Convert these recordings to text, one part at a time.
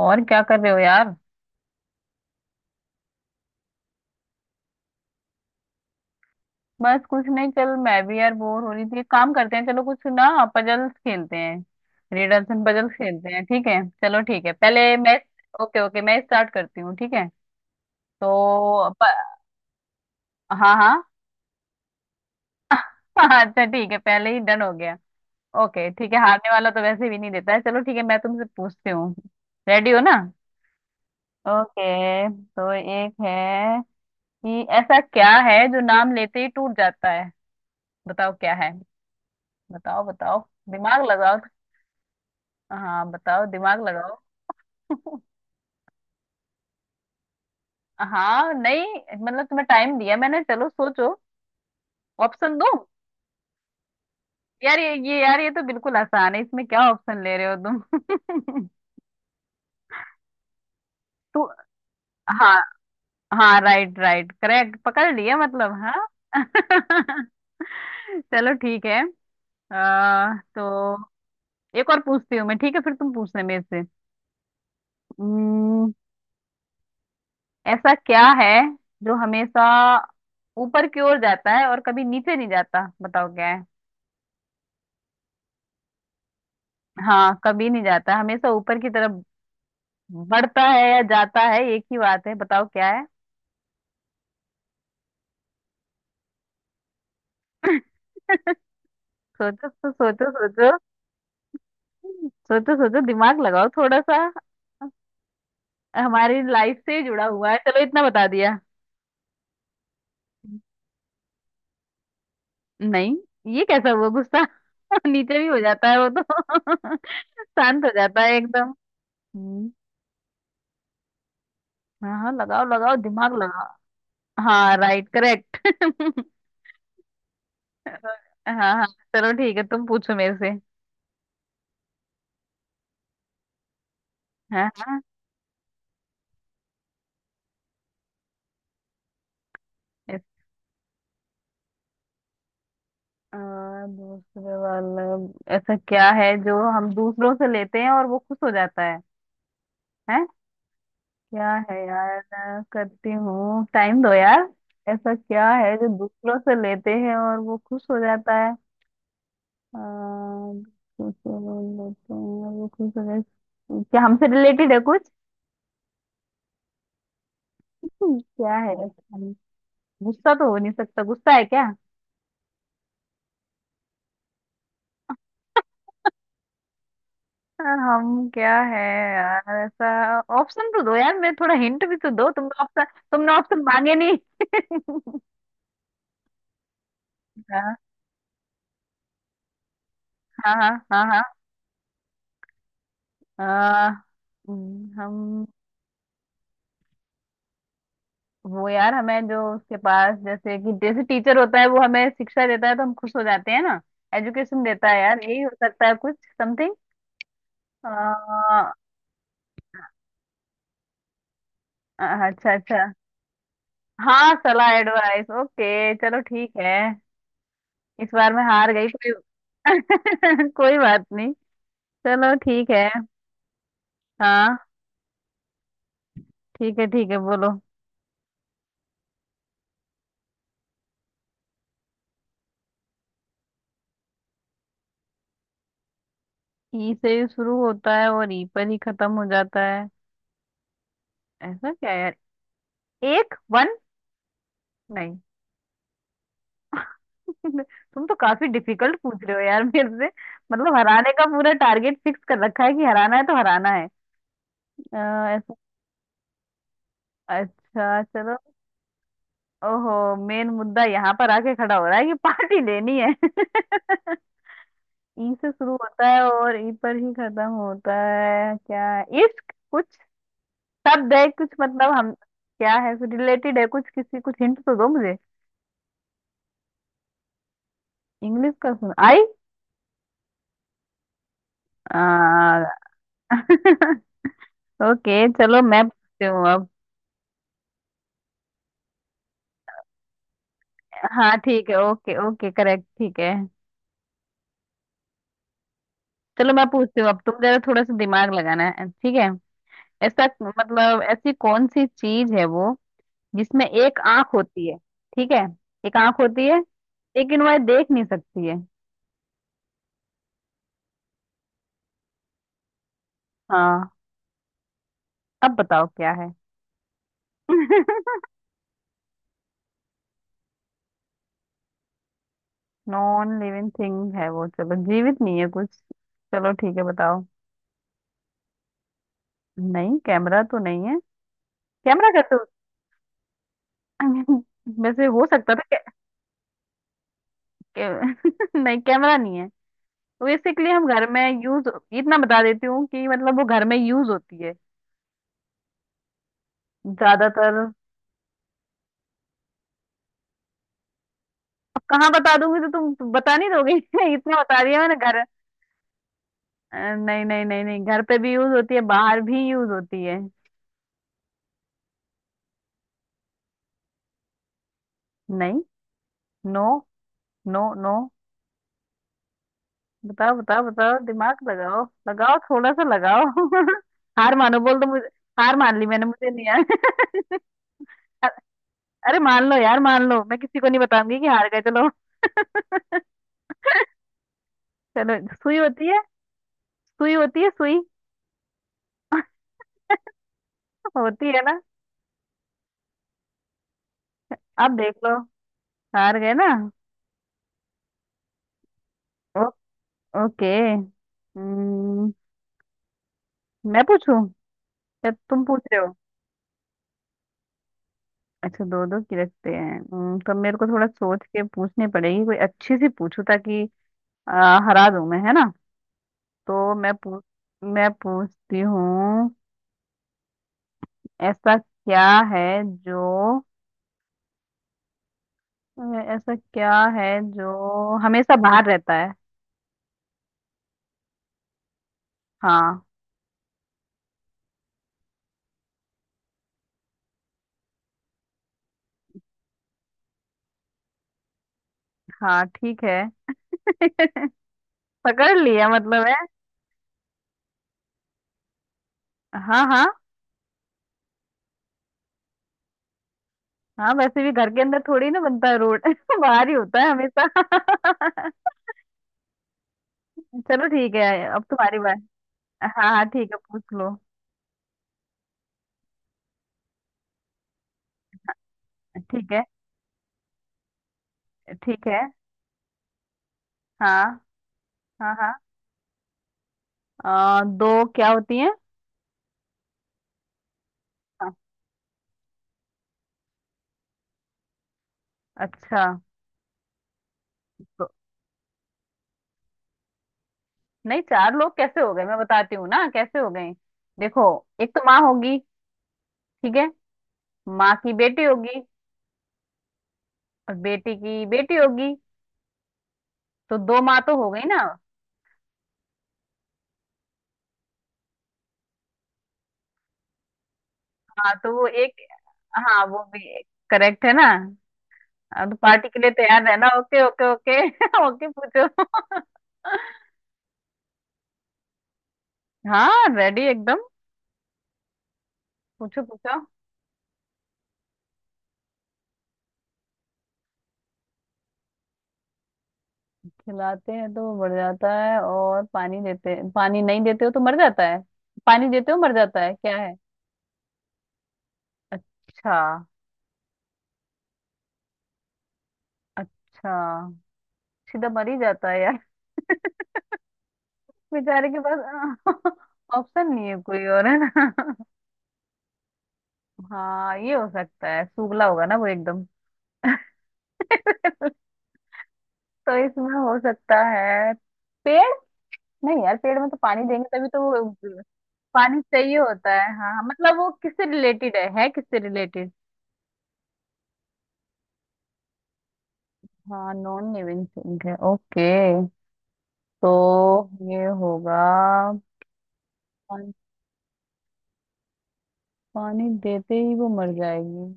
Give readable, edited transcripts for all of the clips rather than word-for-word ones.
और क्या कर रहे हो यार। बस कुछ नहीं, चल मैं भी यार बोर हो रही थी। एक काम करते हैं, चलो कुछ ना पजल्स खेलते हैं। रिडल्स एंड पजल्स खेलते हैं। ठीक है चलो, ठीक है पहले मैं। ओके ओके, मैं स्टार्ट करती हूँ ठीक है। तो प, हाँ हाँ। अच्छा ठीक है, पहले ही डन हो गया। ओके ठीक है, हारने वाला तो वैसे भी नहीं देता है। चलो ठीक है, मैं तुमसे पूछती हूँ। रेडी हो ना। ओके तो एक है कि ऐसा क्या है जो नाम लेते ही टूट जाता है। बताओ क्या है। बताओ बताओ। दिमाग लगाओ। हाँ बताओ दिमाग लगाओ। हाँ नहीं, मतलब तुम्हें टाइम दिया मैंने, चलो सोचो। ऑप्शन दो। यार ये यार, ये तो बिल्कुल आसान है, इसमें क्या ऑप्शन ले रहे हो तुम। तू। हाँ। हाँ राइट राइट करेक्ट पकड़ लिया, मतलब हाँ। चलो ठीक है। तो एक और पूछती हूँ मैं ठीक है, फिर तुम पूछना मेरे से। ऐसा क्या है जो हमेशा ऊपर की ओर जाता है और कभी नीचे नहीं जाता, बताओ क्या है। हाँ कभी नहीं जाता, हमेशा ऊपर की तरफ बढ़ता है या जाता है एक ही बात है, बताओ क्या है। सोचो सोचो सोचो। सोचो सोचो दिमाग लगाओ थोड़ा सा। हमारी लाइफ से जुड़ा हुआ है, चलो इतना बता दिया। नहीं, ये कैसा हुआ गुस्सा। नीचे भी हो जाता है वो तो। शांत हो जाता है एकदम। हम्म, हाँ हाँ लगाओ लगाओ दिमाग लगाओ। हाँ राइट करेक्ट। हाँ हाँ। चलो ठीक है, तुम पूछो मेरे से। हाँ हाँ। इस- आ, दूसरे वाला, ऐसा क्या है जो हम दूसरों से लेते हैं और वो खुश हो जाता है। हैं, क्या है यार, करती हूँ टाइम दो यार। ऐसा क्या है जो दूसरों से लेते हैं और वो खुश हो जाता है दूसरों से लेते हैं और वो खुश हो जाता है। क्या हमसे रिलेटेड है कुछ। क्या है ऐसा? गुस्सा तो हो नहीं सकता, गुस्सा है क्या। हम क्या है यार, ऐसा ऑप्शन तो दो यार, मैं थोड़ा हिंट भी तो दो। तुमने ऑप्शन मांगे नहीं। हाँ हाँ। हाँ हाँ। हाँ हम। वो यार हमें जो उसके पास, जैसे कि जैसे टीचर होता है वो हमें शिक्षा देता है तो हम खुश हो जाते हैं ना। एजुकेशन देता है यार, यही हो सकता है कुछ समथिंग। अच्छा। अच्छा, हाँ सलाह एडवाइस ओके, चलो ठीक है। इस बार मैं हार गई, कोई। कोई बात नहीं। चलो ठीक है। हाँ ठीक है, ठीक है बोलो। ई से ही शुरू होता है और ई पर ही खत्म हो जाता है। ऐसा क्या यार, एक वन। नहीं। तुम तो काफी डिफिकल्ट पूछ रहे हो यार मेरे से। मतलब हराने का पूरा टारगेट फिक्स कर रखा है, कि हराना है तो हराना है। अ, ऐसा। अच्छा चलो। ओहो, मेन मुद्दा यहाँ पर आके खड़ा हो रहा है कि पार्टी लेनी है। ई से शुरू होता है और ई पर ही खत्म होता है, क्या इश्क कुछ। सब देख कुछ, मतलब हम क्या है कुछ रिलेटेड है कुछ किसी, कुछ हिंट तो दो मुझे। इंग्लिश का, सुन आई। आ, ओके चलो मैं पूछती हूँ अब। हाँ ठीक है ओके ओके करेक्ट ठीक है। चलो मैं पूछती हूँ अब, तुम जरा थोड़ा सा दिमाग लगाना है ठीक है। ऐसा, मतलब ऐसी कौन सी चीज है वो जिसमें एक आंख होती है। ठीक है, एक आंख होती है लेकिन वह देख नहीं सकती है। हाँ। अब बताओ क्या है। नॉन लिविंग थिंग है वो, चलो जीवित नहीं है कुछ। चलो ठीक है, बताओ। नहीं, कैमरा तो नहीं है। कैमरा कैसे। हो- वैसे हो सकता था नहीं कैमरा नहीं है। तो बेसिकली हम घर में यूज, इतना बता देती हूँ कि मतलब वो घर में यूज होती है ज्यादातर। अब कहाँ बता दूंगी तो तुम बता नहीं दोगे। इतना बता दिया मैंने, घर। नहीं नहीं नहीं नहीं, घर पे भी यूज होती है, बाहर भी यूज होती है। नहीं। No no. नो, बताओ बताओ बताओ दिमाग लगाओ लगाओ थोड़ा सा लगाओ। हार मानो बोल दो मुझे। हार मान ली मैंने, मुझे नहीं आया। अरे मान लो यार, मान लो, मैं किसी को नहीं बताऊंगी कि हार गए, चलो। चलो सुई होती है। सुई होती है सुई। होती है ना। आप देख लो, हार गए ना। ओ, ओके। हम्म, मैं पूछूं या तुम पूछ रहे हो। अच्छा दो दो की रखते हैं। तो मेरे को थोड़ा सोच के पूछनी पड़ेगी, कोई अच्छी सी पूछूं ताकि हरा दूं मैं है ना। तो मैं पूछ, मैं पूछती हूँ। ऐसा क्या है जो, ऐसा क्या है जो हमेशा बाहर रहता है। हाँ। हाँ ठीक है। पकड़ लिया मतलब है। हाँ हाँ। हाँ वैसे भी घर के अंदर थोड़ी ना बनता है रोड। बाहर ही होता है हमेशा। चलो ठीक है, अब तुम्हारी बात। हाँ हाँ ठीक है, पूछ लो। ठीक है। ठीक है। हाँ हाँ। हाँ दो क्या होती है। हाँ। अच्छा, तो नहीं चार लोग कैसे हो गए, मैं बताती हूँ ना कैसे हो गए। देखो, एक तो माँ होगी। ठीक है, माँ की बेटी होगी और बेटी की बेटी होगी, तो दो माँ तो हो गई ना। हाँ तो वो एक, हाँ वो भी करेक्ट है ना। हाँ, तो पार्टी के लिए तैयार रहना। Okay okay okay. ओके पूछो। हाँ, रेडी एकदम। पूछो पूछो। खिलाते हैं तो वो बढ़ जाता है, और पानी देते, पानी नहीं देते हो तो मर जाता है। पानी देते हो मर जाता है क्या है। अच्छा। अच्छा, सीधा मर ही जाता है यार। बेचारे के पास ऑप्शन नहीं है कोई और, है ना। हाँ ये हो सकता है, सूखला होगा ना वो एकदम। तो इसमें हो सकता है, पेड़। नहीं यार पेड़ में तो पानी देंगे तभी तो वो पानी चाहिए होता है। हाँ हाँ, मतलब वो किससे रिलेटेड है किससे रिलेटेड। हाँ नॉन लिविंग थिंग है ओके। तो ये होगा, पान- पानी देते ही वो मर जाएगी।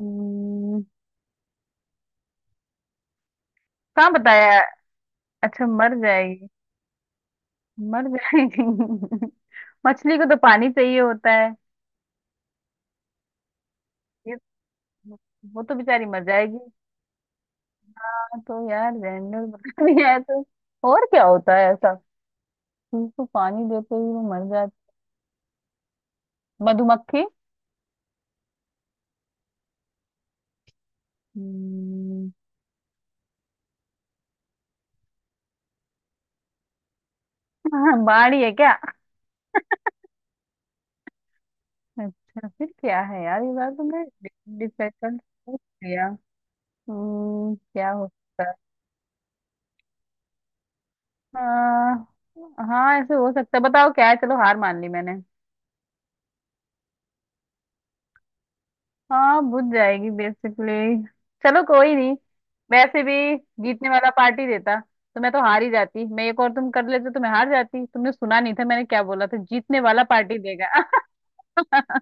हम्म, कहाँ बताया। अच्छा मर जाएगी। मर जाएगी। मछली को तो पानी चाहिए होता है। ये वो तो बेचारी मर जाएगी। हाँ तो यार जनरल बता दिया है तो और क्या होता है ऐसा। उसको पानी देते ही वो मर जाती, मधुमक्खी। हम्म, हाँ, बाड़ी है क्या। अच्छा फिर क्या है यार, ये बार तुमने डिफिकल्ट पूछ लिया। क्या हो सकता है। हाँ ऐसे हो सकता है, बताओ क्या है, चलो हार मान ली मैंने। हाँ बुझ जाएगी बेसिकली। चलो कोई नहीं, वैसे भी जीतने वाला पार्टी देता तो मैं तो हार ही जाती, मैं एक और तुम कर लेते तो मैं हार जाती, तुमने सुना नहीं था मैंने क्या बोला था जीतने वाला पार्टी देगा।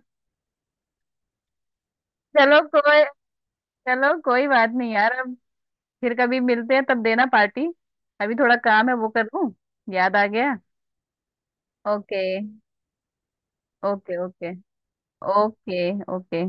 चलो कोई, चलो कोई बात नहीं यार, अब फिर कभी मिलते हैं तब देना पार्टी। अभी थोड़ा काम है वो कर लूं, याद आ गया। Okay okay okay. Okay okay.